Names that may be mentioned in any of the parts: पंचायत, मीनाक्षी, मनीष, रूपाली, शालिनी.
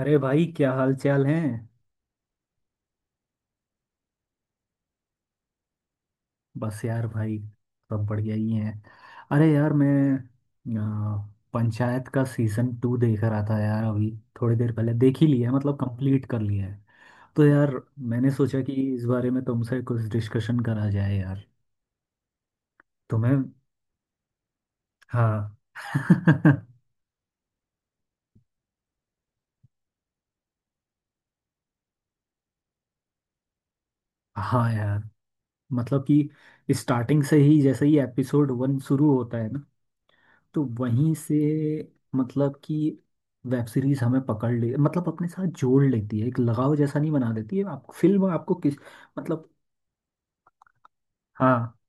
अरे भाई क्या हाल चाल है। बस यार भाई सब बढ़िया ही है। अरे यार मैं पंचायत का सीजन टू देख रहा था यार अभी। थोड़ी देर पहले देख ही लिया है, मतलब कंप्लीट कर लिया है। तो यार मैंने सोचा कि इस बारे में तुमसे कुछ डिस्कशन करा जाए यार। तुम्हें, हाँ। हाँ यार, मतलब कि स्टार्टिंग से ही जैसे ही एपिसोड वन शुरू होता है ना, तो वहीं से मतलब कि वेब सीरीज हमें पकड़ ले, मतलब अपने साथ जोड़ लेती है, एक लगाव जैसा नहीं बना देती है, आप फिल्म आपको किस मतलब। हाँ।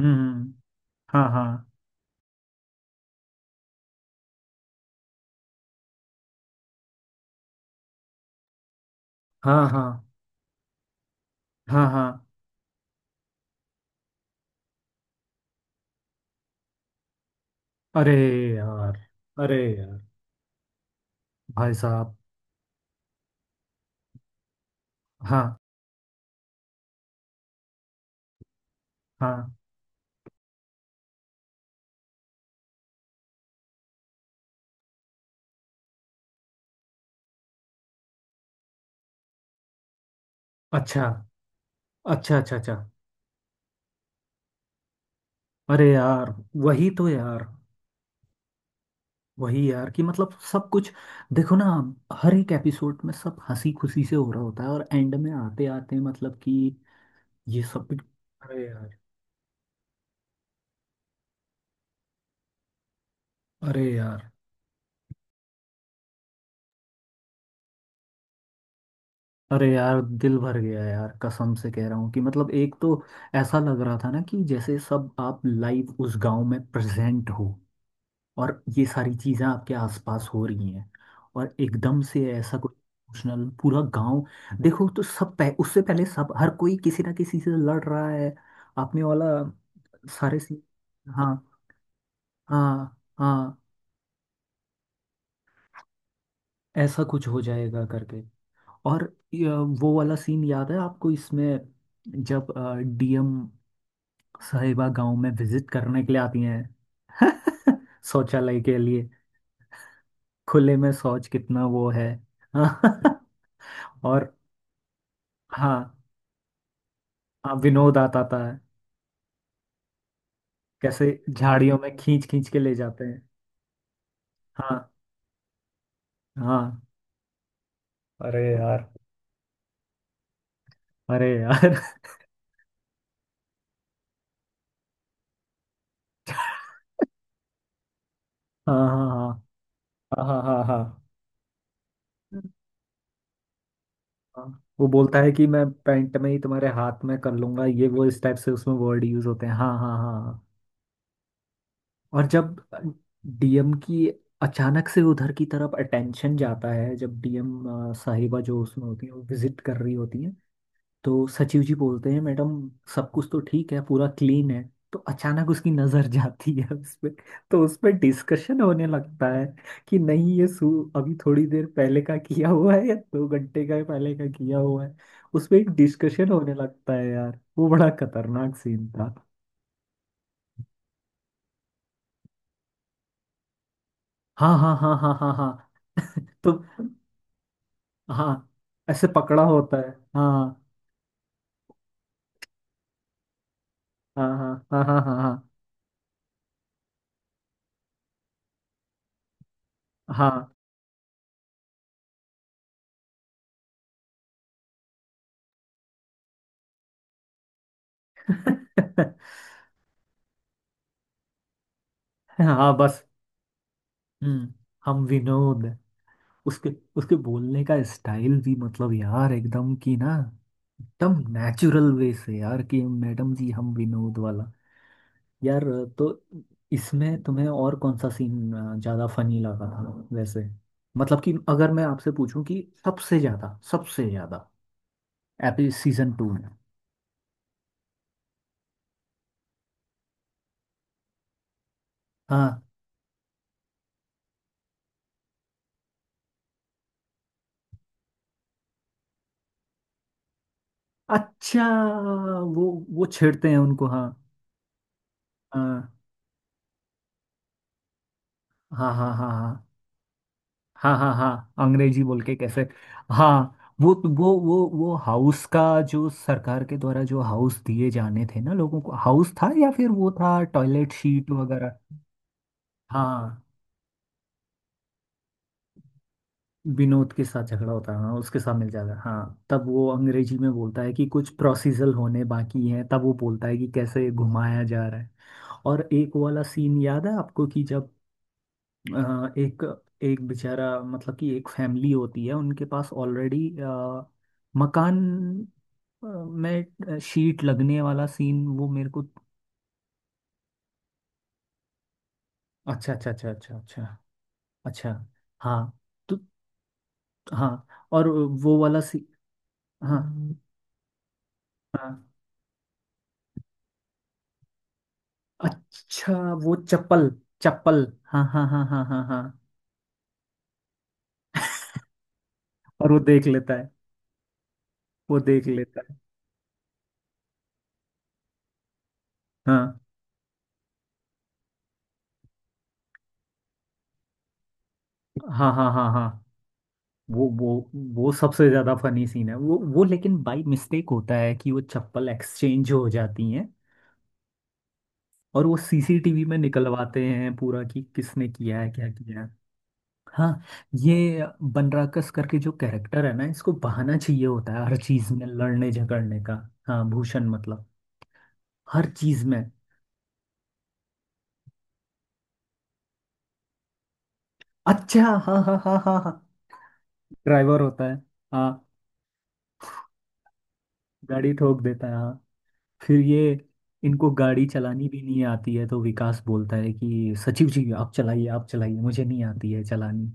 हम्म हम्म, हाँ हाँ हाँ। हाँ हाँ हाँ। अरे यार, अरे यार, भाई साहब। हाँ, हाँ। अच्छा अच्छा अच्छा अच्छा। अरे यार, वही तो यार, वही यार कि मतलब सब कुछ। देखो ना, हर एक एपिसोड में सब हंसी खुशी से हो रहा होता है और एंड में आते आते, मतलब कि ये सब भी। अरे यार, अरे यार, अरे यार, दिल भर गया यार, कसम से कह रहा हूँ कि मतलब एक तो ऐसा लग रहा था ना कि जैसे सब आप लाइव उस गांव में प्रेजेंट हो और ये सारी चीजें आपके आसपास हो रही हैं और एकदम से ऐसा कुछ इमोशनल पूरा गांव। देखो तो सब उससे पहले सब हर कोई किसी ना किसी से लड़ रहा है। आपने वाला सारे सी। हाँ हाँ हाँ, ऐसा कुछ हो जाएगा करके। और ये वो वाला सीन याद है आपको इसमें, जब डीएम साहिबा गांव में विजिट करने के लिए आती हैं। शौचालय के लिए, खुले में शौच कितना वो है। और हाँ हाँ, विनोद आता था, कैसे झाड़ियों में खींच खींच के ले जाते हैं। हाँ हाँ, अरे यार, अरे यार। हाँ हाँ हाँ हाँ हाँ हाँ हाँ। हाँ, वो बोलता है कि मैं पैंट में ही तुम्हारे हाथ में कर लूंगा, ये वो इस टाइप से उसमें वर्ड यूज होते हैं। हाँ हाँ हाँ। और जब डीएम की अचानक से उधर की तरफ अटेंशन जाता है, जब डीएम साहिबा जो उसमें होती है वो विजिट कर रही होती है, तो सचिव जी बोलते हैं मैडम सब कुछ तो ठीक है, पूरा क्लीन है। तो अचानक उसकी नजर जाती है उस पे, तो उस पे डिस्कशन होने लगता है कि नहीं ये सू अभी थोड़ी देर पहले का किया हुआ है या दो घंटे का पहले का किया हुआ है। उस पे एक डिस्कशन होने लगता है यार, वो बड़ा खतरनाक सीन था। हाँ हाँ हाँ हाँ हाँ हाँ, तो हाँ, ऐसे पकड़ा होता है। हाँ हाँ हाँ हाँ हाँ हाँ हाँ। हाँ हाँ बस। हम्म, हम विनोद। उसके उसके बोलने का स्टाइल भी मतलब यार एकदम कि ना, एकदम नेचुरल वे से यार कि मैडम जी हम विनोद वाला। यार, तो इसमें तुम्हें और कौन सा सीन ज़्यादा फनी लगा था वैसे, मतलब कि अगर मैं आपसे पूछूं कि सबसे ज़्यादा, सबसे ज़्यादा एपी सीजन टू में। हाँ अच्छा, वो वो छेड़ते हैं उनको, हाँ हाँ हाँ हाँ हाँ हाँ हाँ हाँ हाँ, अंग्रेजी बोल के कैसे। हाँ वो तो, वो हाउस का, जो सरकार के द्वारा जो हाउस दिए जाने थे ना लोगों को, हाउस था या फिर वो था टॉयलेट शीट वगैरह। हाँ, विनोद के साथ झगड़ा होता है हाँ, उसके साथ मिल जाता है हाँ, तब वो अंग्रेजी में बोलता है कि कुछ प्रोसीजर होने बाकी हैं, तब वो बोलता है कि कैसे घुमाया जा रहा है। और एक वाला सीन याद है आपको, कि जब एक एक बेचारा मतलब कि एक फैमिली होती है उनके पास ऑलरेडी मकान, शीट लगने वाला सीन वो मेरे को। अच्छा अच्छा अच्छा अच्छा अच्छा अच्छा। हाँ तो हाँ, और वो वाला सी हाँ, हाँ। अच्छा वो चप्पल, चप्पल, हाँ हाँ हाँ हाँ हाँ हाँ, और वो देख लेता है, वो देख लेता है। हाँ हाँ हाँ हाँ हाँ, वो वो वो सबसे ज्यादा फनी सीन है वो, लेकिन बाई मिस्टेक होता है कि वो चप्पल एक्सचेंज हो जाती हैं, और वो सीसीटीवी में निकलवाते हैं पूरा कि किसने किया है, क्या किया है। हाँ, ये बनराकस करके जो कैरेक्टर है ना, इसको बहाना चाहिए होता है हर चीज में लड़ने झगड़ने का। हाँ भूषण, मतलब हर चीज में। अच्छा हाँ हाँ हाँ हाँ हाँ, ड्राइवर होता है। हाँ गाड़ी ठोक देता है, हाँ। फिर ये, इनको गाड़ी चलानी भी नहीं आती है, तो विकास बोलता है कि सचिव जी आप चलाइए, आप चलाइए, मुझे नहीं आती है चलानी।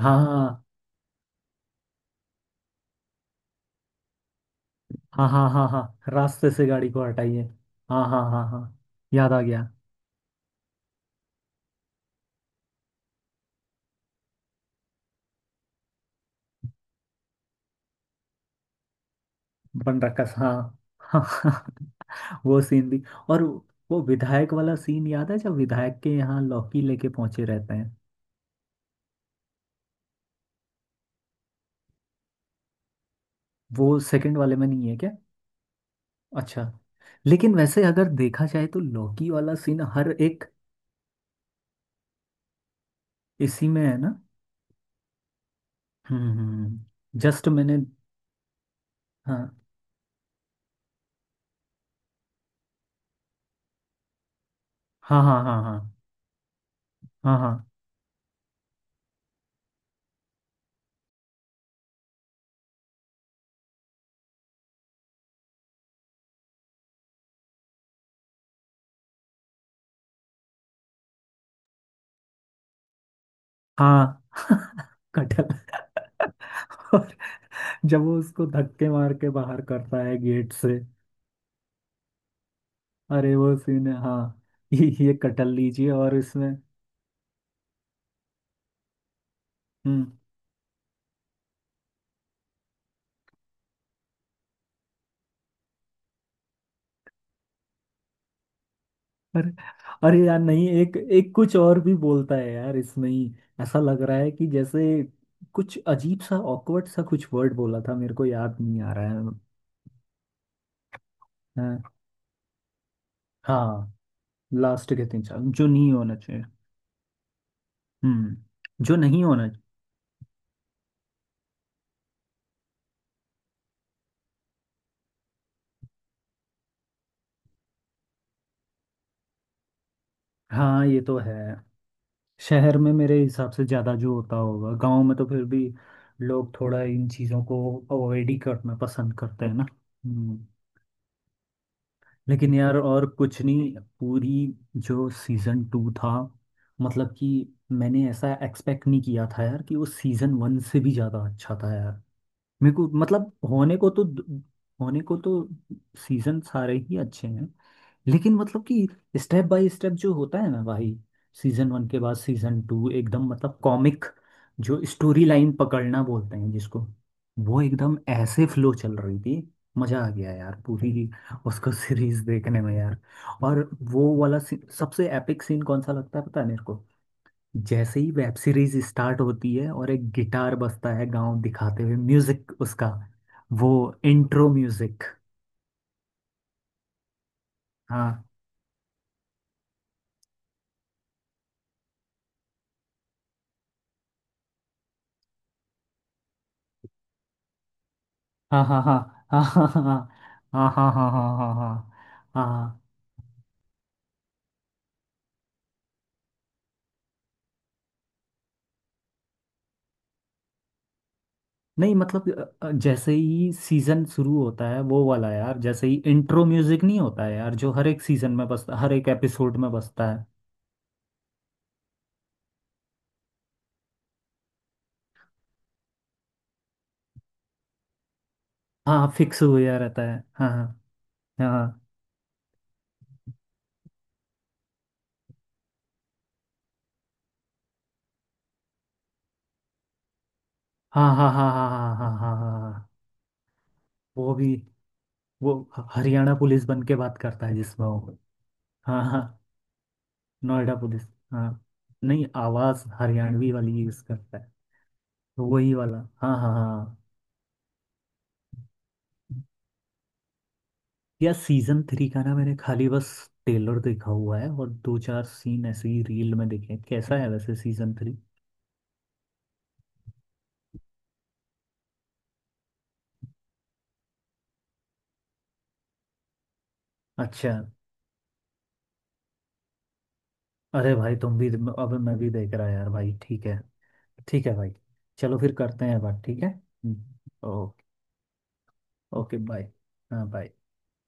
हाँ हाँ हाँ हाँ हाँ हाँ, रास्ते से गाड़ी को हटाइए। हाँ हाँ हाँ हाँ, याद आ गया। बनराकस, हाँ हाँ। वो सीन भी। और वो विधायक वाला सीन याद है, जब विधायक के यहाँ लौकी लेके पहुंचे रहते हैं। वो सेकंड वाले में नहीं है क्या? अच्छा। लेकिन वैसे अगर देखा जाए तो लौकी वाला सीन हर एक इसी में है ना। जस्ट मैंने, हाँ हाँ हाँ हाँ हाँ हाँ हाँ हाँ। कटहल। और जब वो उसको धक्के मार के बाहर करता है गेट से, अरे वो सीन है हाँ, ये कटहल लीजिए, और इसमें। हम्म। अरे, अरे यार नहीं, एक एक कुछ और भी बोलता है यार इसमें ही। ऐसा लग रहा है कि जैसे कुछ अजीब सा ऑकवर्ड सा कुछ वर्ड बोला था, मेरे को याद नहीं आ रहा है। हाँ हाँ, लास्ट के तीन साल जो नहीं होना चाहिए। हम्म, जो नहीं होना। हाँ ये तो है, शहर में मेरे हिसाब से ज़्यादा जो होता होगा, गांव में तो फिर भी लोग थोड़ा इन चीज़ों को अवॉइड ही करना पसंद करते हैं ना। हम्म। लेकिन यार और कुछ नहीं, पूरी जो सीजन टू था, मतलब कि मैंने ऐसा एक्सपेक्ट नहीं किया था यार कि वो सीजन वन से भी ज़्यादा अच्छा था यार। मेरे को, मतलब होने को तो सीजन सारे ही अच्छे हैं, लेकिन मतलब कि स्टेप बाय स्टेप जो होता है ना भाई, सीजन वन के बाद सीजन टू एकदम मतलब कॉमिक, जो स्टोरी लाइन पकड़ना बोलते हैं जिसको, वो एकदम ऐसे फ्लो चल रही थी। मजा आ गया यार, पूरी उसको सीरीज देखने में यार। और वो वाला सबसे एपिक सीन कौन सा लगता है पता है मेरे को? जैसे ही वेब सीरीज स्टार्ट होती है और एक गिटार बजता है गांव दिखाते हुए, म्यूजिक उसका, वो इंट्रो म्यूजिक। हाँ हाँ हाँ हाँ हाँ हाँ हाँ हाँ हाँ हाँ हाँ हाँ हाँ हाँ। नहीं मतलब, जैसे ही सीजन शुरू होता है वो वाला यार, जैसे ही इंट्रो म्यूजिक नहीं होता है यार जो हर एक सीजन में बजता, हर एक एपिसोड में बजता है। हाँ फिक्स हुआ रहता है, हाँ हाँ हाँ हाँ हाँ हाँ हाँ हाँ हाँ हाँ हाँ हाँ। वो भी, हरियाणा पुलिस बन के बात करता है, जिसमें वो। हाँ हाँ, नोएडा पुलिस। हाँ नहीं, आवाज हरियाणवी वाली यूज करता है, तो वही वाला। हाँ हाँ हाँ, या सीजन थ्री का ना मैंने खाली बस ट्रेलर देखा हुआ है और दो चार सीन ऐसे ही रील में देखे हैं। कैसा है वैसे सीजन थ्री? अच्छा, अरे भाई तुम भी, अब मैं भी देख रहा यार भाई, ठीक है। ठीक है भाई, चलो फिर करते हैं बात, ठीक है। ओके। Okay bye. हाँ बाय।